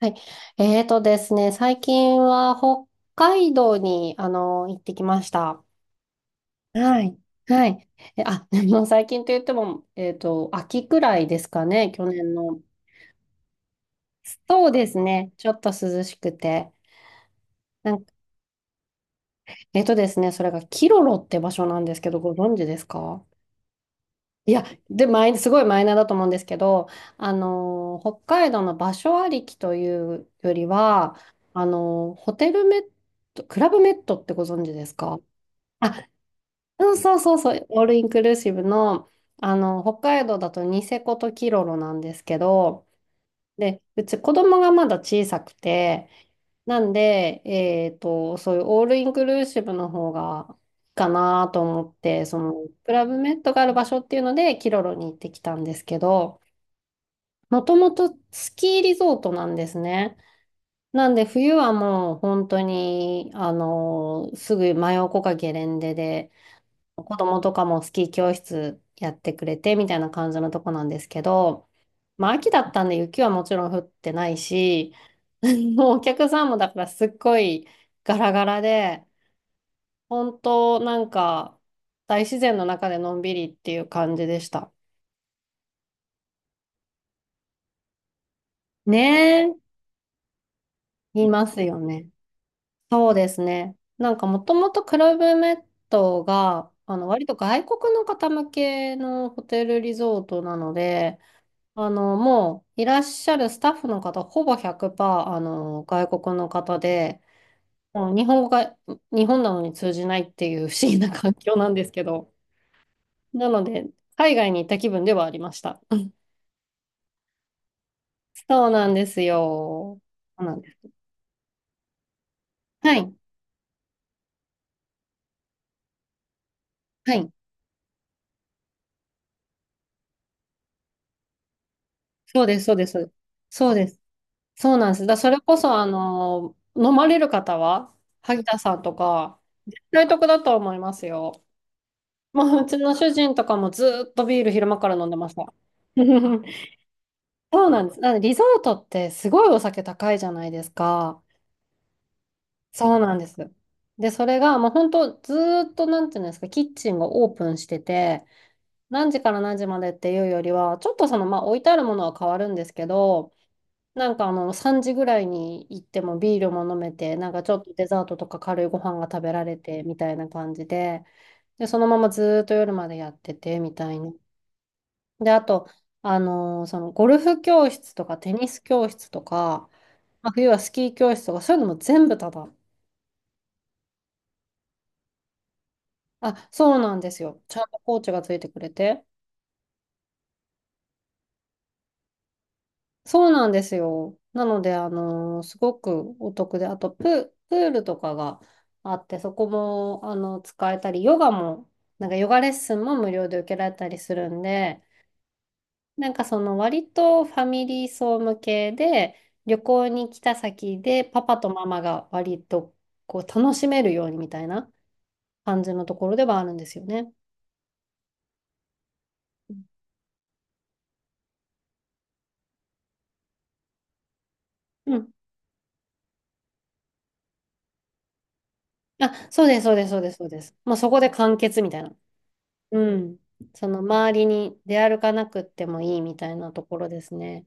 はい。えーとですね、最近は北海道に、行ってきました。はい。はい。でも最近と言っても、秋くらいですかね、去年の。そうですね、ちょっと涼しくて。なんか、えーとですね、それがキロロって場所なんですけど、ご存知ですか？いや、で、すごいマイナーだと思うんですけど、北海道の場所ありきというよりは、ホテルメット、クラブメットってご存知ですか？あ、うん、そうそうそう、オールインクルーシブの、あの、北海道だとニセコとキロロなんですけど、で、うち子供がまだ小さくて、なんで、そういうオールインクルーシブの方がいいかなと思って、その、クラブメットがある場所っていうので、キロロに行ってきたんですけど、もともとスキーリゾートなんですね。なんで、冬はもう本当に、あの、すぐ真横かゲレンデで、子供とかもスキー教室やってくれてみたいな感じのとこなんですけど、まあ秋だったんで雪はもちろん降ってないし、もうお客さんもだからすっごいガラガラで、本当なんか大自然の中でのんびりっていう感じでした。ねえ、いますよね。そうですね。なんかもともとクラブメットが、あの割と外国の方向けのホテルリゾートなので、あの、もういらっしゃるスタッフの方、ほぼ100%、あの、外国の方で、もう日本語が日本なのに通じないっていう不思議な環境なんですけど、なので、海外に行った気分ではありました。そうなんですよ。そうなんです。はい。はい。そうです、そうです。そうです。そうです。そうなんです。それこそ、あの、飲まれる方は、萩田さんとか、大得だと思いますよ。もう、うちの主人とかもずーっとビール昼間から飲んでました。そうなんです。なのでリゾートってすごいお酒高いじゃないですか。そうなんです。で、それがもう本当ずーっとなんていうんですか、キッチンがオープンしてて、何時から何時までっていうよりは、ちょっとその、まあ置いてあるものは変わるんですけど、なんかあの3時ぐらいに行ってもビールも飲めて、なんかちょっとデザートとか軽いご飯が食べられてみたいな感じで、で、そのままずーっと夜までやっててみたいな。で、あと、そのゴルフ教室とかテニス教室とか、まあ、冬はスキー教室とか、そういうのも全部タダ。あ、そうなんですよ。ちゃんとコーチがついてくれて。そうなんですよ。なので、すごくお得で、あとプールとかがあって、そこも、あの、使えたり、ヨガも、なんかヨガレッスンも無料で受けられたりするんで、なんかその割とファミリー層向けで、旅行に来た先でパパとママが割とこう楽しめるようにみたいな感じのところではあるんですよね。うん、あ、そうです、そうです、そうです、そうです。もうそこで完結みたいな。うん。その周りに出歩かなくってもいいみたいなところですね。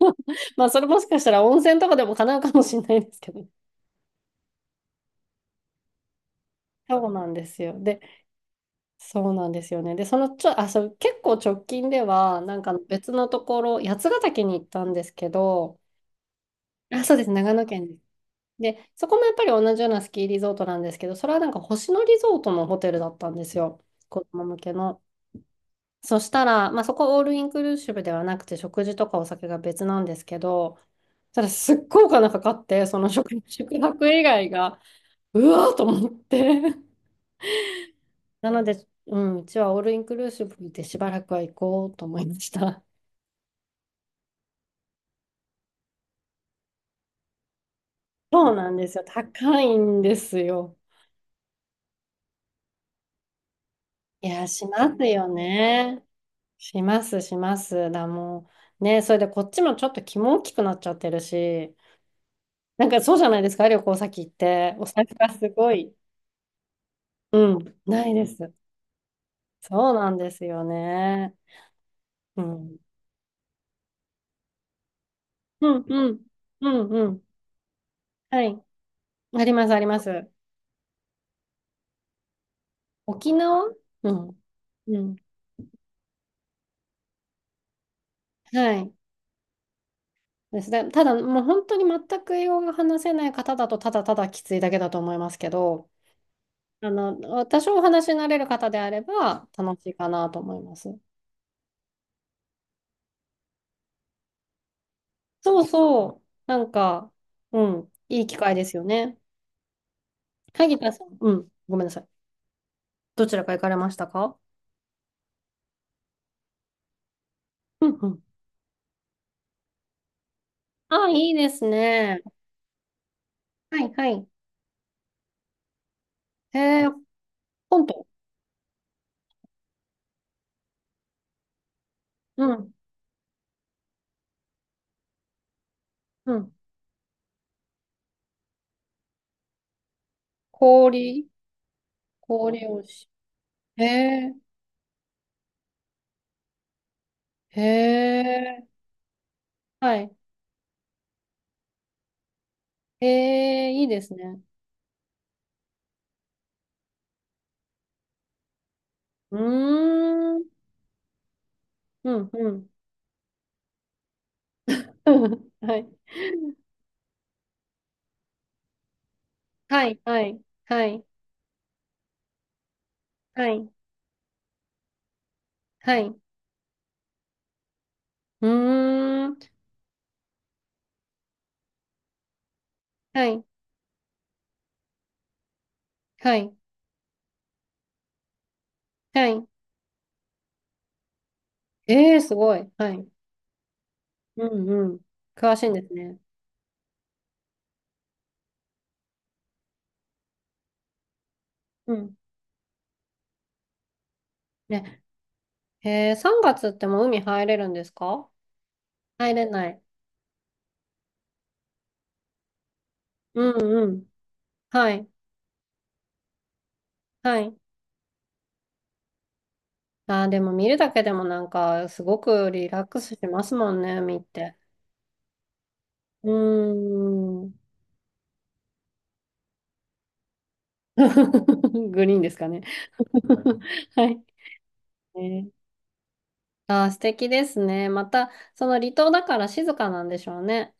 まあ、それもしかしたら温泉とかでも叶うかもしれないですけど。そうなんですよ。で、そうなんですよね。で、そのちょ、あ、そう、結構直近では、なんか別のところ、八ヶ岳に行ったんですけど、あ、そうです、長野県です。で、そこもやっぱり同じようなスキーリゾートなんですけど、それはなんか星野リゾートのホテルだったんですよ。子供向けの。そしたら、まあ、そこオールインクルーシブではなくて、食事とかお酒が別なんですけど、ただすっごいお金かかって、その食、宿泊以外が、うわーと思って。なので、うん、うちはオールインクルーシブでしばらくは行こうと思いました。そうなんですよ。高いんですよ。いや、しますよね。します、します。もう、ね、それでこっちもちょっと気も大きくなっちゃってるし、なんかそうじゃないですか、旅行先行って。お財布がすごい。うん、ないです。そうなんですよね。うん。うん、うん、うん、うん。はい。あります、あります。沖縄。うん。うん。はい。ですね。ただ、もう本当に全く英語が話せない方だと、ただただきついだけだと思いますけど、あの、多少お話しになれる方であれば、楽しいかなと思います。そうそう。なんか、うん。いい機会ですよね。萩田さん。うん。ごめんなさい。どちらか行かれましたか？うん、うん。あ、いいですね。はい、はい。えー、本当。うん、うん。氷、氷をし。えー、えー、はい。えー、いいですね。うーん、うん、うん。はい、はい、はい、はい、はい、はい。うーん、はい、はい、はい。えー、すごい。はい。うん、うん。詳しいんですね。うん。ね。えー、3月ってもう海入れるんですか？入れない。うん、うん。はい、はい。あー、でも見るだけでもなんか、すごくリラックスしますもんね、見って。うーん。グリーンですかね。はい。ね、あー、素敵ですね。また、その離島だから静かなんでしょうね。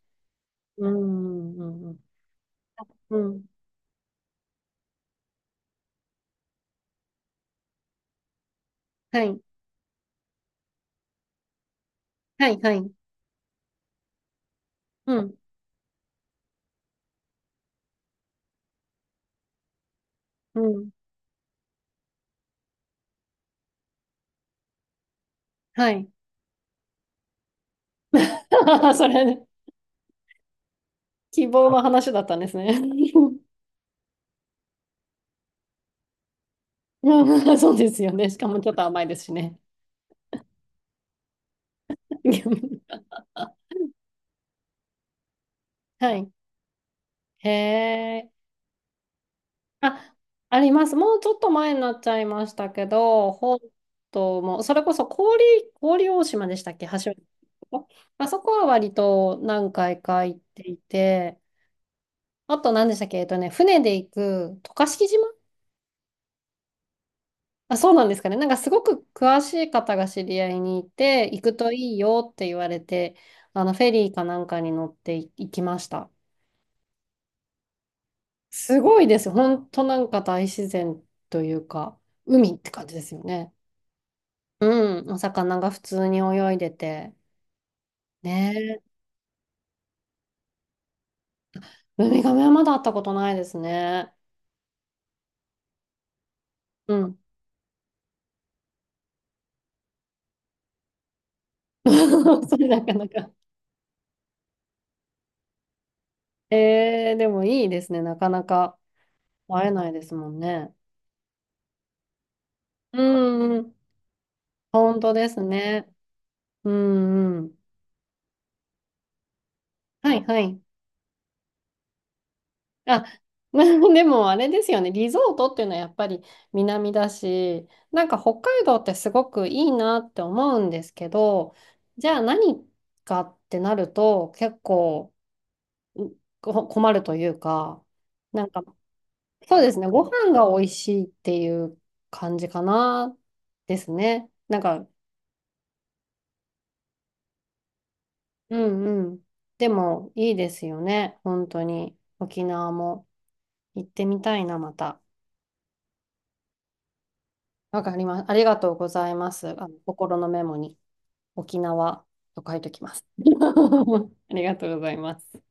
うん、うん、うん。うん、はい、はい、はい。うん、うん。はい。それね、希望の話だったんですね。うん、そうですよね。しかもちょっと甘いですしね。はい。へえ。あ、あります。もうちょっと前になっちゃいましたけど、本島も、それこそ氷、氷大島でしたっけ、橋渡り。あそこは割と何回か行っていて、あと何でしたっけ、えっとね、船で行く渡嘉敷島。あ、そうなんですかね。なんかすごく詳しい方が知り合いにいて、行くといいよって言われて、あのフェリーかなんかに乗ってい行きました。すごいです。本当なんか大自然というか、海って感じですよね。うん、お魚が普通に泳いでて。ねえ、ウミガメはまだ会ったことないですね。うん。それなかなか。えー、でもいいですね。なかなか会えないですもんね。うんうん、本当ですね。うんうん。はいはい。あ、でもあれですよね。リゾートっていうのはやっぱり南だし、なんか北海道ってすごくいいなって思うんですけど、じゃあ何かってなると結構、困るというか、なんか、そうですね、ご飯が美味しいっていう感じかな、ですね。なんか、うんうん。でも、いいですよね、本当に。沖縄も行ってみたいな、また。わかります。ありがとうございます。あの、心のメモに、沖縄と書いておきます。ありがとうございます。